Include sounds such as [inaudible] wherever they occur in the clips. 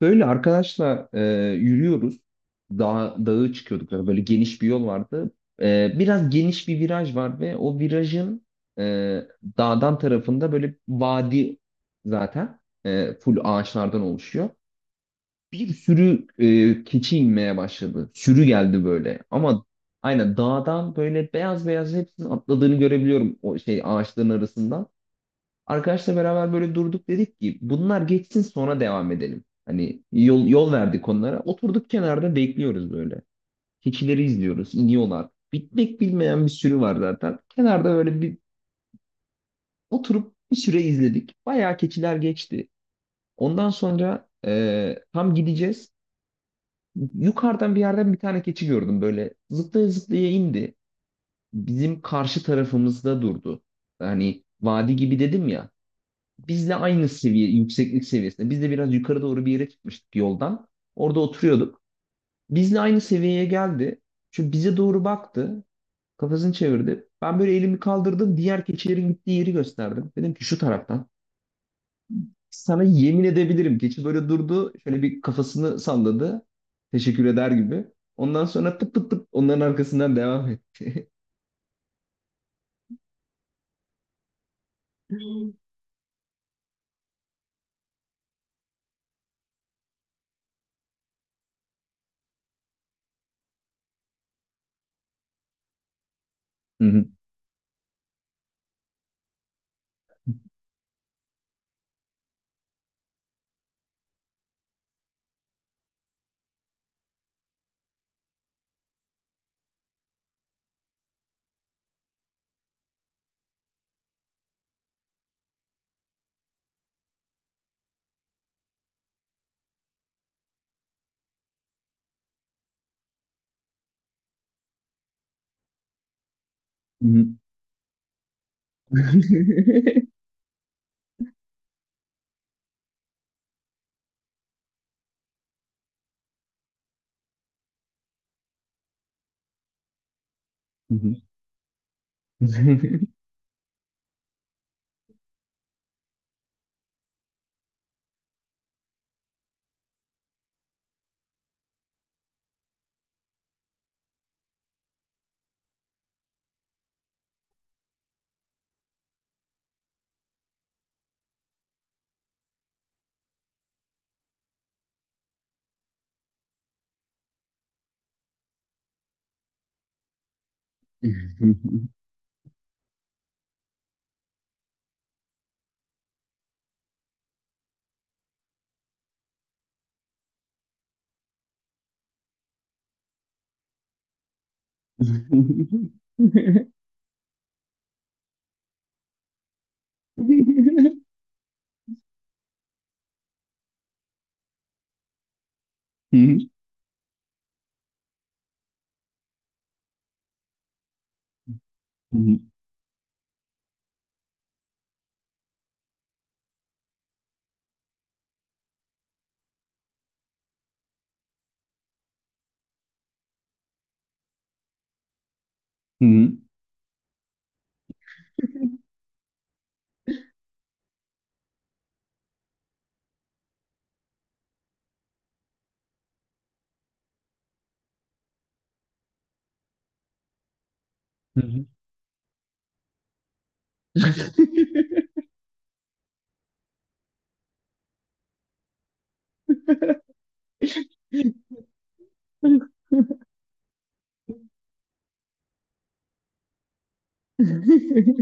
Böyle arkadaşla yürüyoruz. Dağ, dağa dağı çıkıyorduk. Yani böyle geniş bir yol vardı. Biraz geniş bir viraj var ve o virajın e, dağdan tarafında böyle vadi zaten full ağaçlardan oluşuyor. Bir sürü keçi inmeye başladı. Sürü geldi böyle. Ama aynen dağdan böyle beyaz beyaz hepsinin atladığını görebiliyorum o şey ağaçların arasından. Arkadaşla beraber böyle durduk, dedik ki bunlar geçsin sonra devam edelim. Hani yol verdik onlara. Oturduk kenarda, bekliyoruz böyle. Keçileri izliyoruz, iniyorlar. Bitmek bilmeyen bir sürü var zaten. Kenarda böyle bir oturup bir süre izledik. Bayağı keçiler geçti. Ondan sonra tam gideceğiz. Yukarıdan bir yerden bir tane keçi gördüm böyle. Zıplaya zıplaya indi. Bizim karşı tarafımızda durdu. Hani vadi gibi dedim ya. Bizle aynı seviye, yükseklik seviyesinde. Biz de biraz yukarı doğru bir yere çıkmıştık yoldan. Orada oturuyorduk. Bizle aynı seviyeye geldi. Çünkü bize doğru baktı. Kafasını çevirdi. Ben böyle elimi kaldırdım. Diğer keçilerin gittiği yeri gösterdim. Dedim ki şu taraftan. Sana yemin edebilirim. Keçi böyle durdu. Şöyle bir kafasını salladı. Teşekkür eder gibi. Ondan sonra tıp tıp tıp onların arkasından devam etti. [laughs] Hı hı. Hı hı. [laughs] Hı hı. [laughs] Hı hı. Hı hı. Hı hı. Hı hı.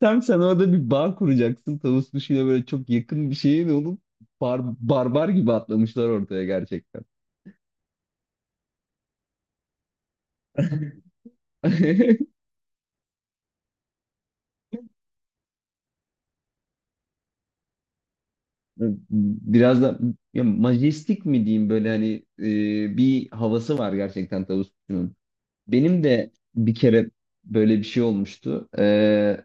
Tam sen orada bir bağ kuracaksın tavus kuşuyla böyle çok yakın bir şeyin olup bar- barbar gibi atlamışlar ortaya gerçekten. [laughs] Biraz da ya majestik mi diyeyim, böyle hani bir havası var gerçekten tavus kuşunun. Benim de bir kere böyle bir şey olmuştu.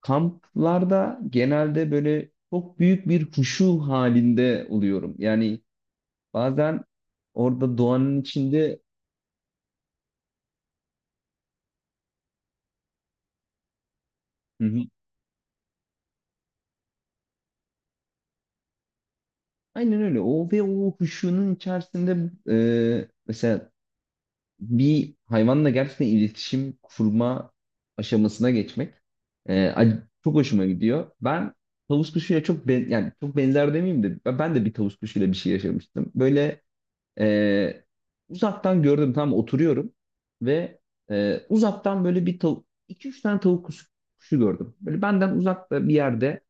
Kamplarda genelde böyle çok büyük bir huşu halinde oluyorum. Yani bazen orada doğanın içinde. Hı hı. Aynen öyle. O ve o huşunun içerisinde mesela bir hayvanla gerçekten iletişim kurma aşamasına geçmek çok hoşuma gidiyor. Ben tavus kuşuyla çok ben, Yani çok benzer demeyeyim de ben de bir tavus kuşuyla bir şey yaşamıştım. Böyle Ee, uzaktan gördüm, tam oturuyorum ve uzaktan böyle 2-3 tane tavuk kuşu, gördüm. Böyle benden uzakta bir yerde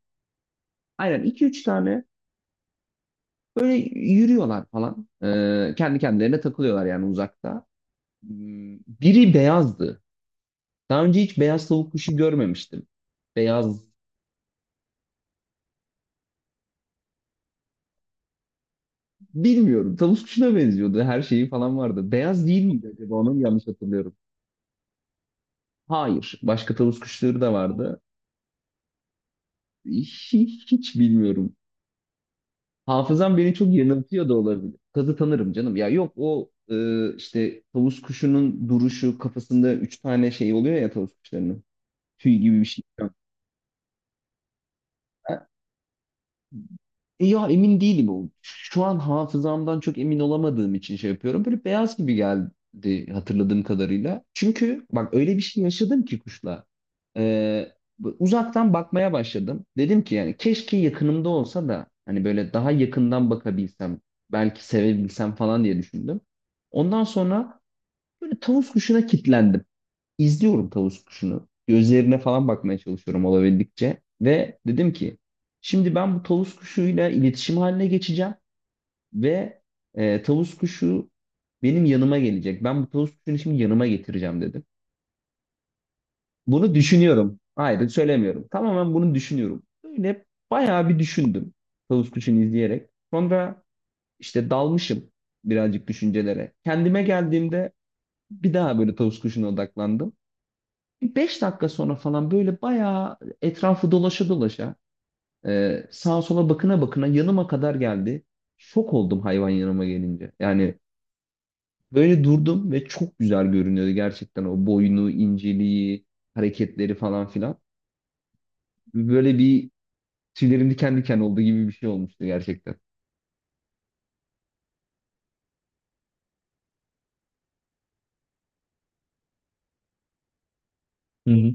aynen iki üç tane böyle yürüyorlar falan. Kendi kendilerine takılıyorlar yani uzakta. Biri beyazdı. Daha önce hiç beyaz tavuk kuşu görmemiştim. Beyaz bilmiyorum, tavuk kuşuna benziyordu, her şeyi falan vardı. Beyaz değil miydi acaba, onu mu yanlış hatırlıyorum? Hayır, başka tavuk kuşları da vardı. Hiç, hiç bilmiyorum. Hafızam beni çok yanıltıyor da olabilir. Kazı tanırım canım. Ya yok, o işte tavus kuşunun duruşu, kafasında üç tane şey oluyor ya tavus kuşlarının. Tüy gibi bir şey. E ya emin değilim. O, şu an hafızamdan çok emin olamadığım için şey yapıyorum. Böyle beyaz gibi geldi hatırladığım kadarıyla. Çünkü bak öyle bir şey yaşadım ki kuşla. Ee, Uzaktan bakmaya başladım. Dedim ki yani keşke yakınımda olsa da hani böyle daha yakından bakabilsem, belki sevebilsem falan diye düşündüm. Ondan sonra böyle tavus kuşuna kitlendim, izliyorum tavus kuşunu. Gözlerine falan bakmaya çalışıyorum olabildikçe. Ve dedim ki şimdi ben bu tavus kuşuyla iletişim haline geçeceğim ve tavus kuşu benim yanıma gelecek. Ben bu tavus kuşunu şimdi yanıma getireceğim dedim. Bunu düşünüyorum. Hayır, söylemiyorum. Tamamen bunu düşünüyorum. Böyle bayağı bir düşündüm tavus kuşunu izleyerek. Sonra işte dalmışım birazcık düşüncelere. Kendime geldiğimde bir daha böyle tavus kuşuna odaklandım. Bir 5 dakika sonra falan böyle bayağı etrafı dolaşa dolaşa sağa sola bakına bakına yanıma kadar geldi. Şok oldum hayvan yanıma gelince. Yani böyle durdum ve çok güzel görünüyordu gerçekten, o boynu, inceliği, hareketleri falan filan. Böyle bir tüylerim diken diken olduğu gibi bir şey olmuştu gerçekten. Hı hı.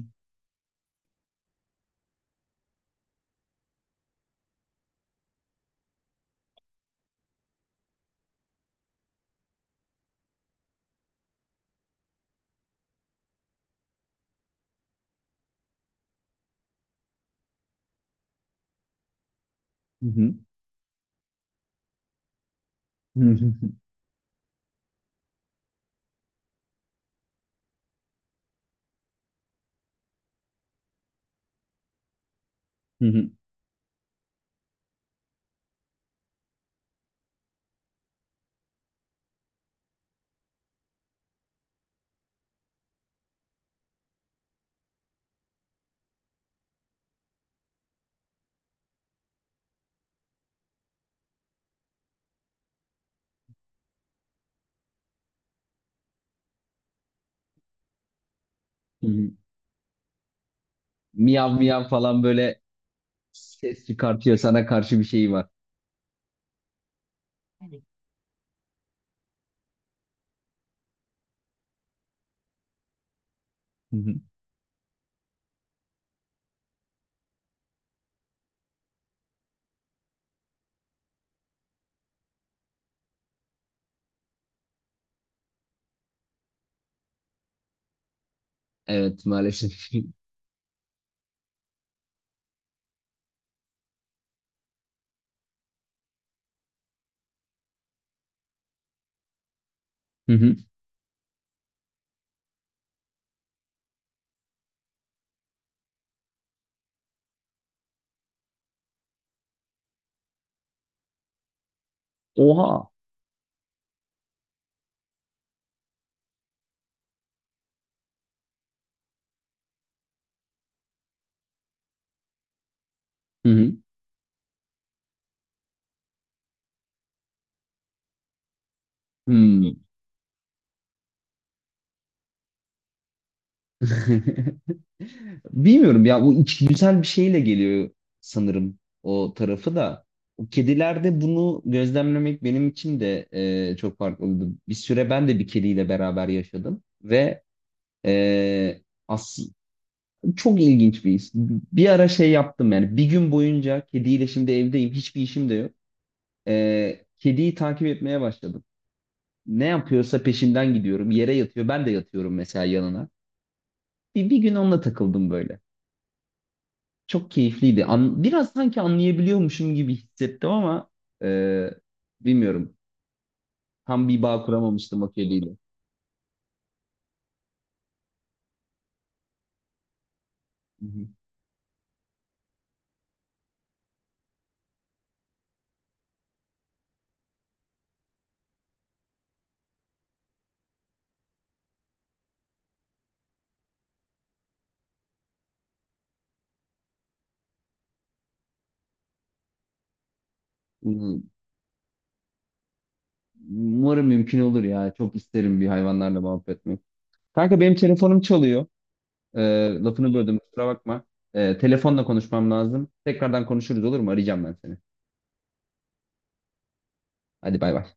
Hı hı. Hı hı. Hı hı. Hı hı. Miyav miyav falan böyle ses çıkartıyor, sana karşı bir şey var. Hı hı. Evet, maalesef. [laughs] Hı hı. Oha. Hı hı. Hmm. [laughs] Bilmiyorum ya, bu içgüdüsel bir şeyle geliyor sanırım o tarafı da. O kedilerde bunu gözlemlemek benim için de çok farklıydı. Bir süre ben de bir kediyle beraber yaşadım ve e, aslında çok ilginç bir his. Bir ara şey yaptım yani, bir gün boyunca kediyle, şimdi evdeyim hiçbir işim de yok. Kediyi takip etmeye başladım. Ne yapıyorsa peşinden gidiyorum. Yere yatıyor, ben de yatıyorum mesela yanına. Bir gün onunla takıldım böyle. Çok keyifliydi. Biraz sanki anlayabiliyormuşum gibi hissettim ama e, bilmiyorum. Tam bir bağ kuramamıştım o kediyle. Hı hı. Um- Umarım mümkün olur ya. Çok isterim bir hayvanlarla muhabbet etmek. Kanka, benim telefonum çalıyor. E, Lafını böldüm, kusura bakma. Telefonla konuşmam lazım. Tekrardan konuşuruz, olur mu? Arayacağım ben seni. Hadi bay bay.